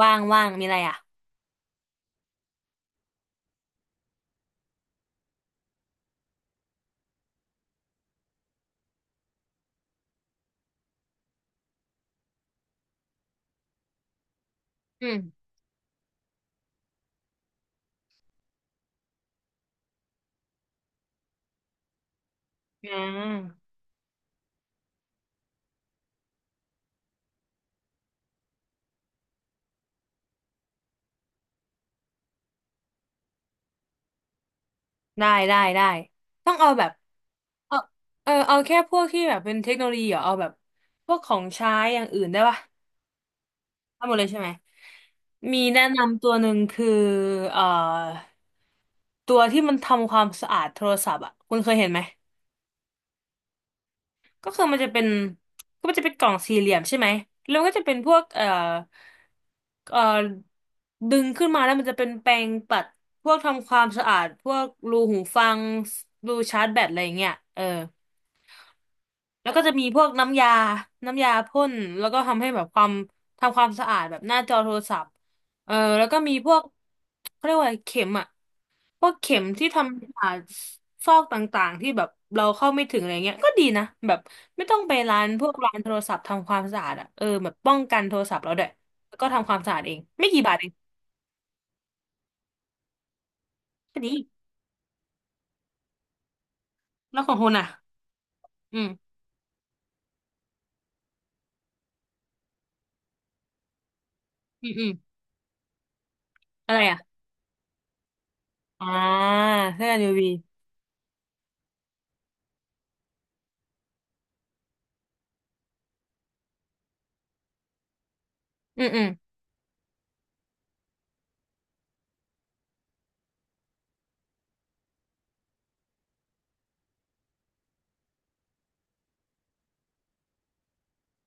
ว่างมีอะไรอ่ะอืมอ่าได้ได้ได้ต้องเอาแบบเอาเอาแค่พวกที่แบบเป็นเทคโนโลยีเหรอเอาแบบพวกของใช้อย่างอื่นได้ปะเอาหมดเลยใช่ไหมมีแนะนำตัวหนึ่งคือเอ่อตัวที่มันทำความสะอาดโทรศัพท์อ่ะคุณเคยเห็นไหม ก็คือมันจะเป็นก็มันจะเป็นกล่องสี่เหลี่ยมใช่ไหมแล้วมันก็จะเป็นพวกเอ่อดึงขึ้นมาแล้วมันจะเป็นแปรงปัดพวกทำความสะอาดพวกรูหูฟังรูชาร์จแบตอะไรอย่างเงี้ยเออ แล้วก็จะมีพวกน้ำยาน้ำยาพ่นแล้วก็ทำให้แบบความทำความสะอาดแบบหน้าจอโทรศัพท์เออแล้วก็มีพวกเขาเรียกว่าอะไรเข็มอะพวกเข็มที่ทำผ่าซอกต่างๆที่แบบเราเข้าไม่ถึงอะไรเงี้ยก็ดีนะแบบไม่ต้องไปร้านพวกร้านโทรศัพท์ทำความสะอาดอะเออแบบป้องกันโทรศัพท์เราด้วยแล้วก็ทำความสะอาดเอง ไม่กี่บาทเองแค่นี้แล้วของคุณอะอืมอืมอืมอะไรอะอ่าเสื้อกัน UV อืมอืม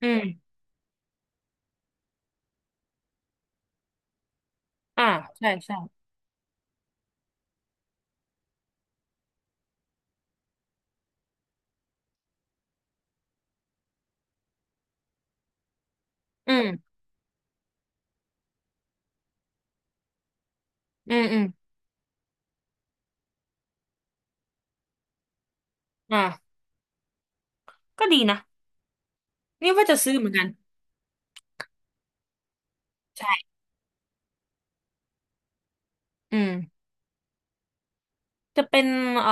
อืมอ่าใช่ใช่อืม อืมอืมอ่าก็ดีนะนี่ว่าจะซื้อเหมือนกันใช่อืมจะเป็นเอ่อ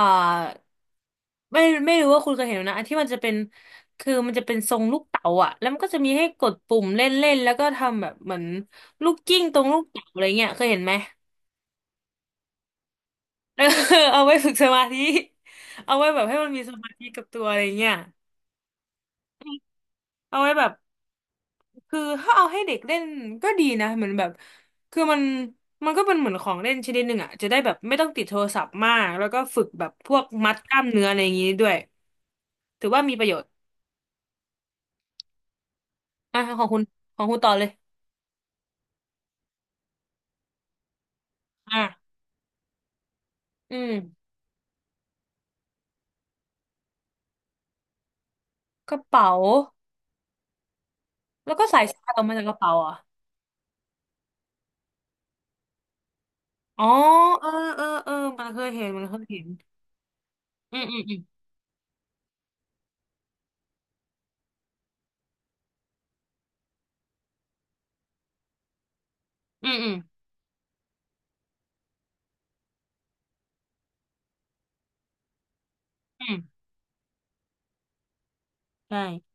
ไม่ไม่รู้ว่าคุณเคยเห็นไหมนะอันที่มันจะเป็นคือมันจะเป็นทรงลูกเต๋าอ่ะแล้วมันก็จะมีให้กดปุ่มเล่นเล่นแล้วก็ทำแบบเหมือนลูกกิ้งตรงลูกเต๋าอะไรเงี้ยเคยเห็นไหมเออ เอาไว้ฝึกสมาธิเอาไว้แบบให้มันมีสมาธิกับตัวอะไรเงี้ยเอาไว้แบบ คือถ้าเอาให้เด็กเล่นก็ดีนะเหมือนแบบคือมันมันก็เป็นเหมือนของเล่นชนิดหนึ่งอ่ะจะได้แบบไม่ต้องติดโทรศัพท์มากแล้วก็ฝึกแบบพวกมัดกล้ามเนื้ออะไรอย่างงี้ด้วยถือว่ามีประโยชน์อ่ะของคุณของคุณต่อเลยอ่ะอืมกระเป๋าแล้วก็สายชาร์จออกมาจากกระเป๋าเหรอ่ะอ๋อเออเออเออมันเคยเห็นมันเคยเห็นอืมอืมอืมอืมอืมอืมใช่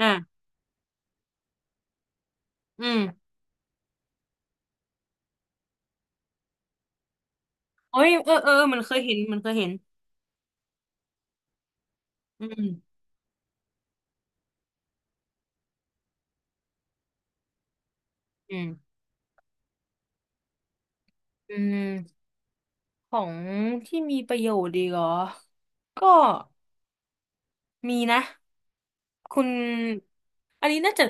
อ่ะอืมโอ้ยเออเออเออมันเคยเห็นมันเคยเห็นอืมอืมอืม ของที่มีประโยชน์ดีกเหรอก็มีนะคุณอันนี้น่าจะ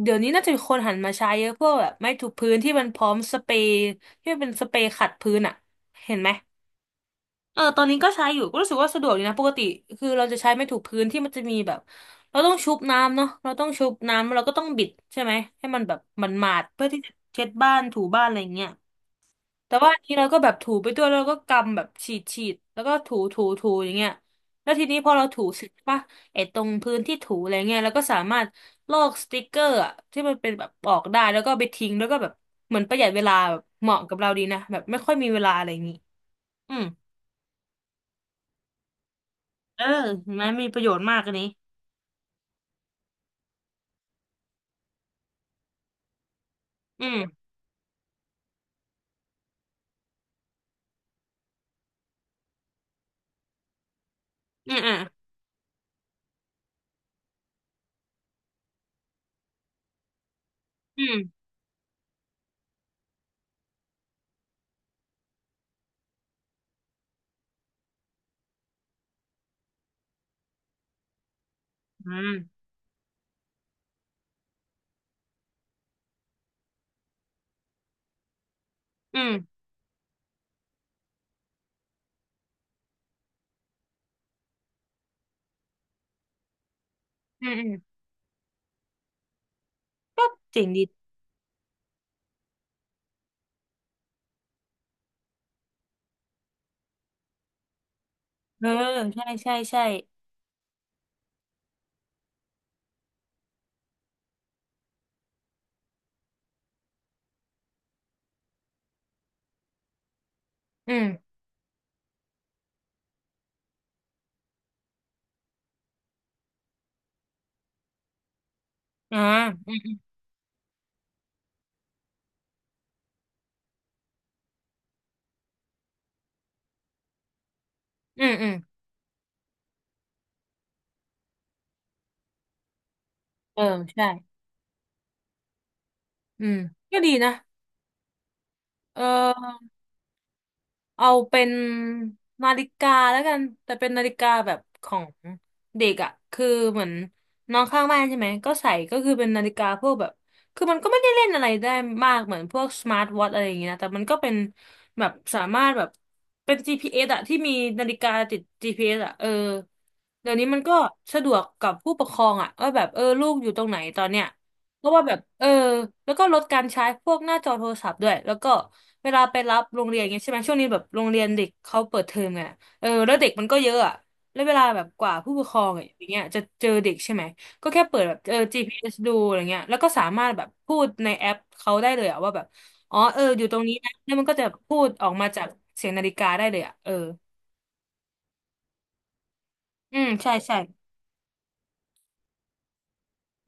เดี๋ยวนี้น่าจะมีคนหันมาใช้เยอะพวกแบบไม้ถูพื้นที่มันพร้อมสเปรย์ที่มันเป็นสเปรย์ขัดพื้นอะเห็นไหมเออตอนนี้ก็ใช้อยู่ก็รู้สึกว่าสะดวกดีนะปกติคือเราจะใช้ไม้ถูกพื้นที่มันจะมีแบบเราต้องชุบน้ำเนาะเราต้องชุบน้ำเราก็ต้องบิดใช่ไหมให้มันแบบมันหมาดๆเพื่อที่จะเช็ดบ้านถูบ้านอะไรเงี้ย แต่ว่าอันนี้เราก็แบบถูไปด้วยแล้วเราก็กำแบบฉีดฉีดแล้วก็ถูถูถูอย่างเงี้ยแล้วทีนี้พอเราถูเสร็จป่ะไอ้ตรงพื้นที่ถูอะไรเงี้ยเราก็สามารถลอกสติกเกอร์อะที่มันเป็นแบบออกได้แล้วก็เอาไปทิ้งแล้วก็แบบเหมือนประหยัดเวลาแบบเหมาะกับเราดีนะแบบไม่ค่อยมีเวลาอะไรอย่างงี้อืมเออเห็นไหมมีประโยชน์มากอันนี้อืมอืมอ่ะอืมอืมอืมอืมอืมก็เจ๋งดีเออใช่ใช่ใช่อืมอ่าอืมอืมอืมเออใช่อืมก็ดีนะ เออเอาเป็นนาฬิกาแล้วกันแต่เป็นนาฬิกาแบบของเด็กอ่ะคือเหมือนน้องข้างบ้านใช่ไหมก็ใส่ก็คือเป็นนาฬิกาพวกแบบคือมันก็ไม่ได้เล่นอะไรได้มากเหมือนพวกสมาร์ทวอทอะไรอย่างเงี้ยนะแต่มันก็เป็นแบบสามารถแบบเป็น GPS อสอ่ะที่มีนาฬิกาติด GPS อสอ่ะเออเดี๋ยวนี้มันก็สะดวกกับผู้ปกครองอ่ะว่าแบบเออลูกอยู่ตรงไหนตอนเนี้ยเพราะว่าแบบเออแล้วก็ลดการใช้พวกหน้าจอโทรศัพท์ด้วยแล้วก็ เวลาไปรับโรงเรียนอย่างเงี้ยใช่ไหมช่วงนี้แบบโรงเรียนเด็กเขาเปิดเทอมไงเออแล้วเด็กมันก็เยอะอะแล้วเวลาแบบกว่าผู้ปกครองอย่างเงี้ยจะเจอเด็กใช่ไหมก็แค่เปิดแบบเออ GPS ดูอะไรเงี้ยแล้วก็สามารถแบบพูดในแอปเขาได้เลยอะว่าแบบอ๋อเอออยู่ตรงนี้นะแล้วมันก็จะพูดออกมาจากเสียงนาฬิกาได้เลยอะเอออืมใช่ใช่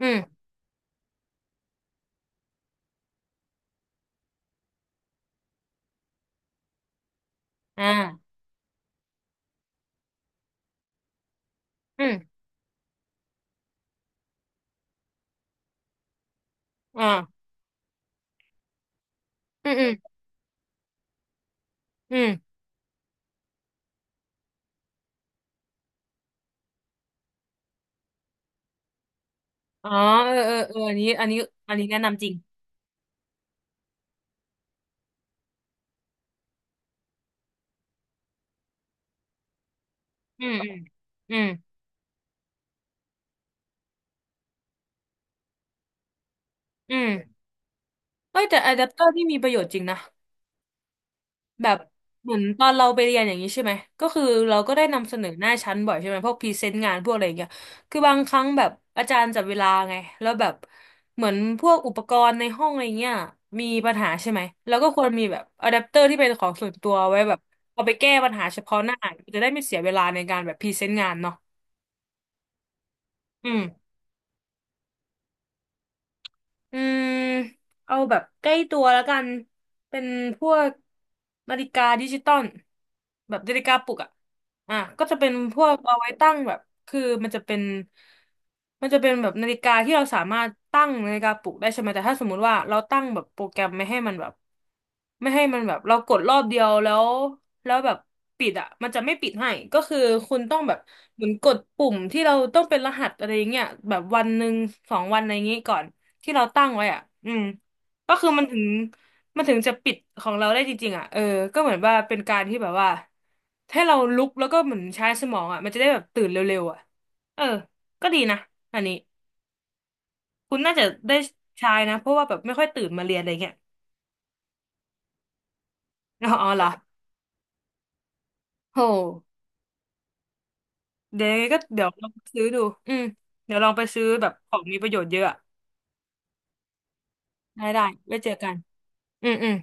อืมอ่าอืมอ่าอืมอืมอืมอ๋อเออเออเอออันนี้อันนี้อันนี้แนะนำจริงอืมอืมอืมอืมเอ้ยแต่อะแดปเตอร์นี่มีประโยชน์จริงนะ แบบเหมือนตอนเราไปเรียนอย่างนี้ใช่ไหมก็คือเราก็ได้นำเสนอหน้าชั้นบ่อยใช่ไหมพวกพรีเซนต์งานพวกอะไรอย่างเงี้ยคือบางครั้งแบบอาจารย์จัดเวลาไงแล้วแบบเหมือนพวกอุปกรณ์ในห้องอะไรเงี้ยมีปัญหาใช่ไหมแล้วก็ควรมีแบบอะแดปเตอร์ที่เป็นของส่วนตัวไว้แบบเอาไปแก้ปัญหาเฉพาะหน้าจะได้ไม่เสียเวลาในการแบบพรีเซนต์งานเนาะอืม อืมเอาแบบใกล้ตัวแล้วกันเป็นพวกนาฬิกาดิจิตอลแบบนาฬิกาปลุกอ่ะอ่ะก็จะเป็นพวกเอาไว้ตั้งแบบคือมันจะเป็นแบบนาฬิกาที่เราสามารถตั้งนาฬิกาปลุกได้ใช่ไหมแต่ถ้าสมมุติว่าเราตั้งแบบโปรแกรมไม่ให้มันแบบไม่ให้มันแบบเรากดรอบเดียวแล้วแล้วแบบปิดอ่ะมันจะไม่ปิดให้ก็คือคุณต้องแบบเหมือนกดปุ่มที่เราต้องเป็นรหัสอะไรอย่างเงี้ยแบบวันหนึ่งสองวันอะไรอย่างงี้ก่อน ที่เราตั้งไว้อ่ะอืมก็คือมันถึงจะปิดของเราได้จริงๆอ่ะเออก็เหมือนว่าเป็นการที่แบบว่าให้เราลุกแล้วก็เหมือนใช้สมองอ่ะมันจะได้แบบตื่นเร็วๆอ่ะเออก็ดีนะอันนี้คุณน่าจะได้ใช้นะเพราะว่าแบบไม่ค่อยตื่นมาเรียนอะไรเงี้ย อ๋ออ๋อเหรอโหเดี๋ยวยังไงก็เดี๋ยวลองไปซื้อดูอืมเดี๋ยวลองไปซื้อแบบของมีประโยชน์เยอะอะได้ได้ไว้เจอกันอืมอืม